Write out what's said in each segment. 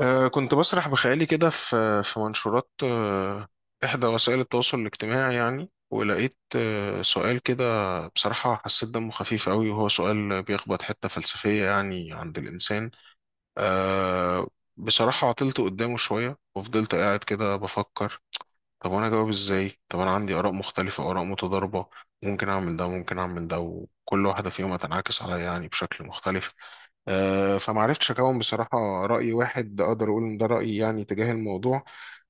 كنت بسرح بخيالي كده في منشورات إحدى وسائل التواصل الاجتماعي يعني، ولقيت سؤال كده. بصراحة حسيت دمه خفيف قوي، وهو سؤال بيخبط حتة فلسفية يعني عند الإنسان. أه بصراحة عطلت قدامه شوية وفضلت قاعد كده بفكر: طب وانا اجاوب ازاي؟ طب انا عندي اراء مختلفه، اراء متضاربه، ممكن اعمل ده ممكن اعمل ده، وكل واحده فيهم هتنعكس عليا يعني بشكل مختلف. فما عرفتش اكون بصراحه راي واحد اقدر اقول ان ده رايي يعني تجاه الموضوع.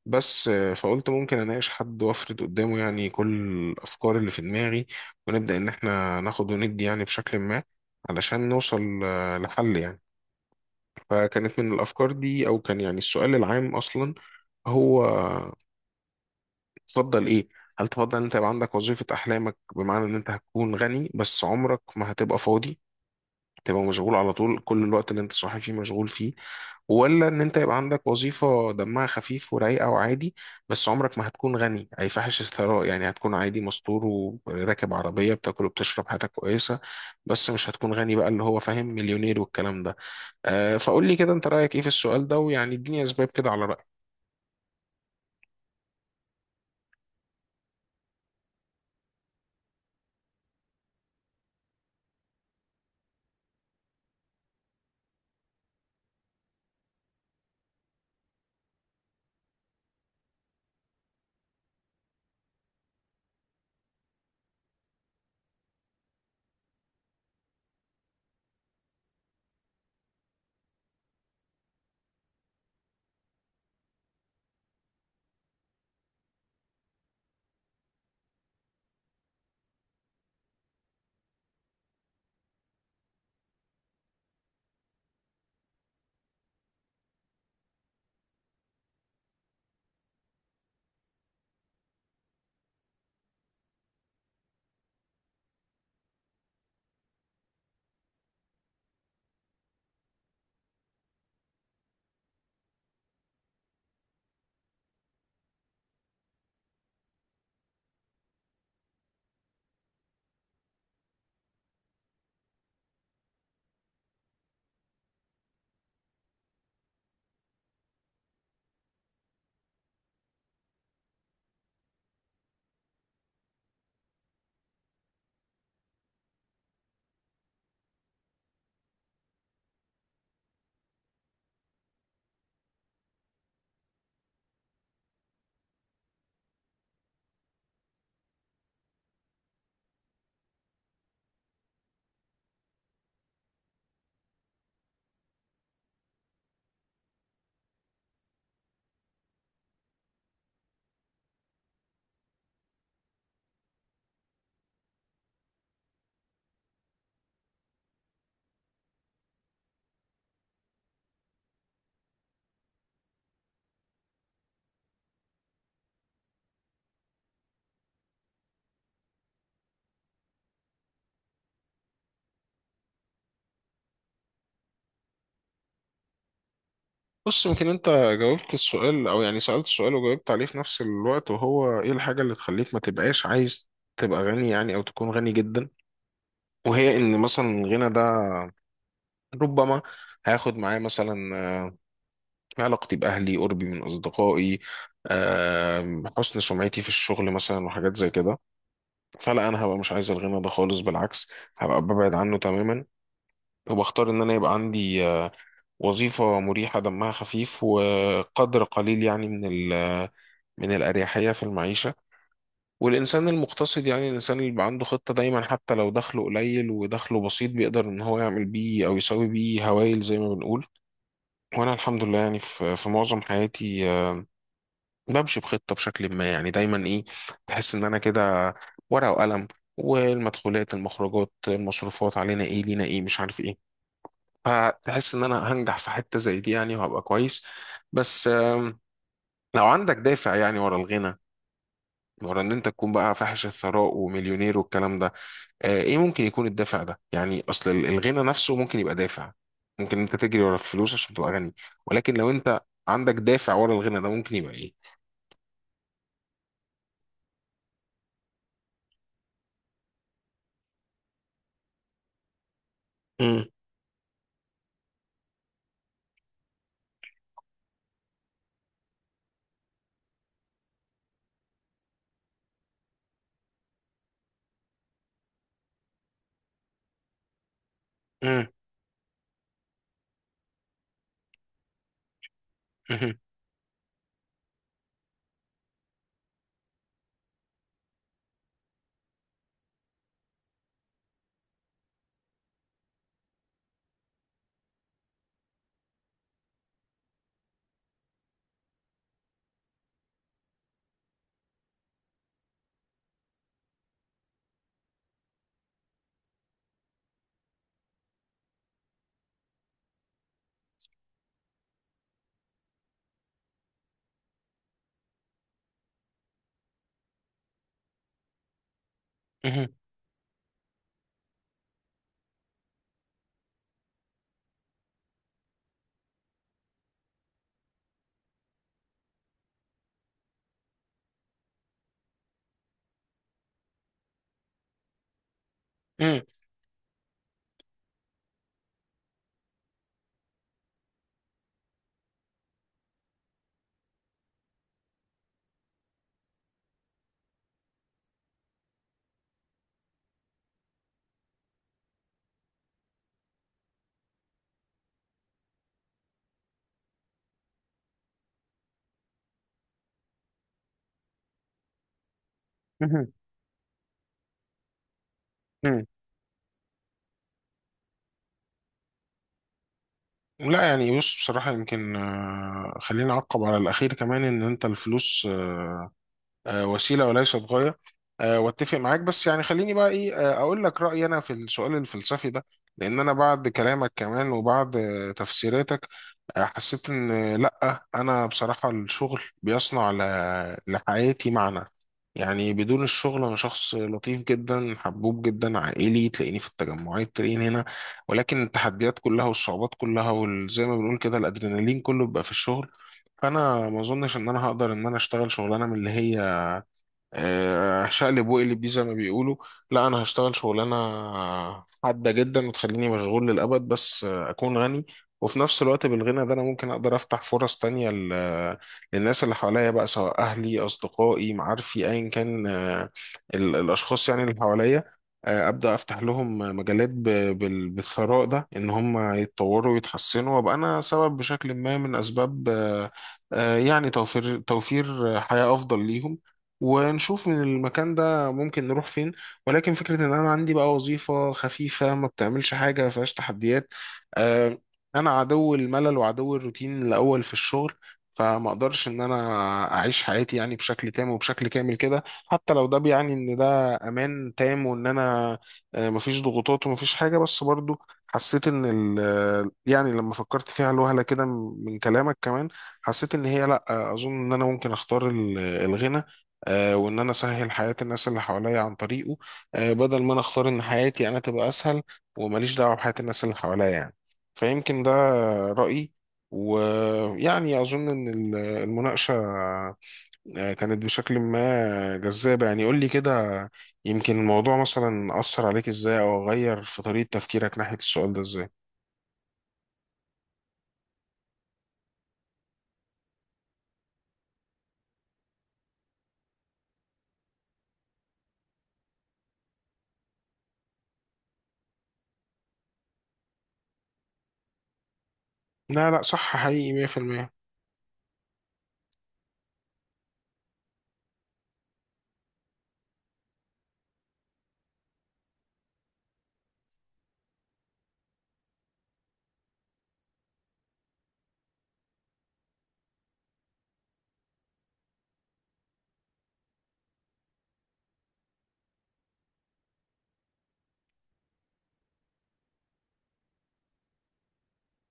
بس فقلت ممكن اناقش حد وافرد قدامه يعني كل الافكار اللي في دماغي، ونبدا ان احنا ناخد وندي يعني بشكل ما علشان نوصل لحل يعني. فكانت من الافكار دي، او كان يعني السؤال العام اصلا هو: تفضل ايه؟ هل تفضل ان انت يبقى عندك وظيفة احلامك، بمعنى ان انت هتكون غني بس عمرك ما هتبقى فاضي، تبقى مشغول على طول، كل الوقت اللي انت صاحي فيه مشغول فيه؟ ولا ان انت يبقى عندك وظيفة دمها خفيف ورايقة وعادي، بس عمرك ما هتكون غني اي فاحش الثراء، يعني هتكون عادي مستور وراكب عربية بتاكل وبتشرب، حياتك كويسة، بس مش هتكون غني بقى اللي هو فاهم مليونير والكلام ده؟ فقول لي كده انت رأيك ايه في السؤال ده، ويعني اديني اسباب كده على. بص، يمكن انت جاوبت السؤال او يعني سألت السؤال وجاوبت عليه في نفس الوقت. وهو ايه الحاجة اللي تخليك ما تبقاش عايز تبقى غني يعني، او تكون غني جدا؟ وهي ان مثلا الغنى ده ربما هياخد معايا مثلا علاقتي باهلي، قربي من اصدقائي، حسن سمعتي في الشغل مثلا، وحاجات زي كده. فلا، انا هبقى مش عايز الغنى ده خالص، بالعكس هبقى ببعد عنه تماما، وبختار ان انا يبقى عندي وظيفة مريحة دمها خفيف وقدر قليل يعني من من الأريحية في المعيشة. والإنسان المقتصد يعني الإنسان اللي بيبقى عنده خطة دايما، حتى لو دخله قليل ودخله بسيط، بيقدر إن هو يعمل بيه أو يسوي بيه هوايل زي ما بنقول. وأنا الحمد لله يعني في معظم حياتي بمشي بخطة بشكل ما يعني، دايما إيه، بحس إن أنا كده ورقة وقلم، والمدخولات المخرجات المصروفات، علينا إيه لينا إيه، مش عارف إيه. فتحس ان انا هنجح في حتة زي دي يعني وهبقى كويس. بس لو عندك دافع يعني ورا الغنى، ورا ان انت تكون بقى فاحش الثراء ومليونير والكلام ده، ايه ممكن يكون الدافع ده يعني؟ اصل الغنى نفسه ممكن يبقى دافع، ممكن انت تجري ورا الفلوس عشان تبقى غني. ولكن لو انت عندك دافع ورا الغنى ده، ممكن يبقى ايه؟ مم. مم. مهم. مهم. مهم. مهم. مهم. لا، يعني بص، بصراحة يمكن خليني أعقب على الأخير كمان. إن أنت الفلوس وسيلة وليست غاية، واتفق معاك. بس يعني خليني بقى ايه، اقول لك رأيي انا في السؤال الفلسفي ده. لان انا بعد كلامك كمان وبعد تفسيراتك، حسيت ان لا، انا بصراحة الشغل بيصنع لحياتي معنى. يعني بدون الشغل انا شخص لطيف جدا، حبوب جدا، عائلي، تلاقيني في التجمعات تلاقيني هنا. ولكن التحديات كلها والصعوبات كلها وزي ما بنقول كده الادرينالين كله بيبقى في الشغل. فانا ما اظنش ان انا هقدر ان انا اشتغل شغلانه من اللي هي شقلب وقلب دي زي ما بيقولوا. لا، انا هشتغل شغلانه حاده جدا وتخليني مشغول للابد بس اكون غني. وفي نفس الوقت بالغنى ده انا ممكن اقدر افتح فرص تانية للناس اللي حواليا بقى، سواء اهلي اصدقائي معارفي ايا كان، الاشخاص يعني اللي حواليا. ابدا افتح لهم مجالات بالثراء ده، ان هم يتطوروا ويتحسنوا، وابقى انا سبب بشكل ما من اسباب، يعني توفير توفير حياه افضل ليهم، ونشوف من المكان ده ممكن نروح فين. ولكن فكرة ان انا عندي بقى وظيفة خفيفة، ما بتعملش حاجة، ما فيهاش تحديات، آه، انا عدو الملل وعدو الروتين الاول في الشغل. فما اقدرش ان انا اعيش حياتي يعني بشكل تام وبشكل كامل كده، حتى لو ده بيعني ان ده امان تام وان انا مفيش ضغوطات ومفيش حاجة. بس برضو حسيت ان ال يعني لما فكرت فيها الوهلة كده من كلامك كمان، حسيت ان هي لا، اظن ان انا ممكن اختار الغنى، وان انا اسهل حياه الناس اللي حواليا عن طريقه، بدل ما انا اختار ان حياتي انا تبقى اسهل وماليش دعوه بحياه الناس اللي حواليا يعني. فيمكن ده رايي. ويعني اظن ان المناقشه كانت بشكل ما جذابه يعني. قول لي كده يمكن الموضوع مثلا اثر عليك ازاي، او غير في طريقه تفكيرك ناحيه السؤال ده ازاي؟ لا لا، صح حقيقي، 100%.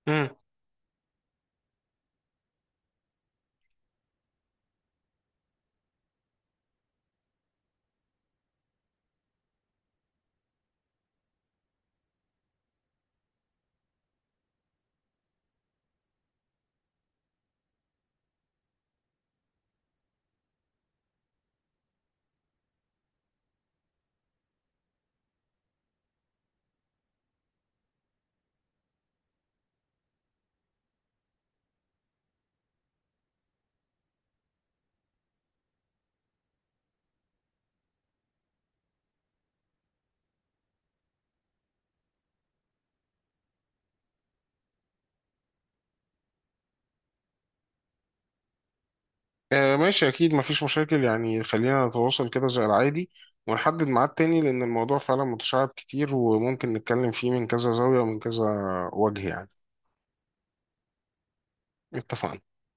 مم. آه، ماشي، أكيد مفيش مشاكل يعني. خلينا نتواصل كده زي العادي، ونحدد ميعاد تاني، لأن الموضوع فعلا متشعب كتير وممكن نتكلم فيه من كذا زاوية ومن كذا وجه يعني. اتفقنا.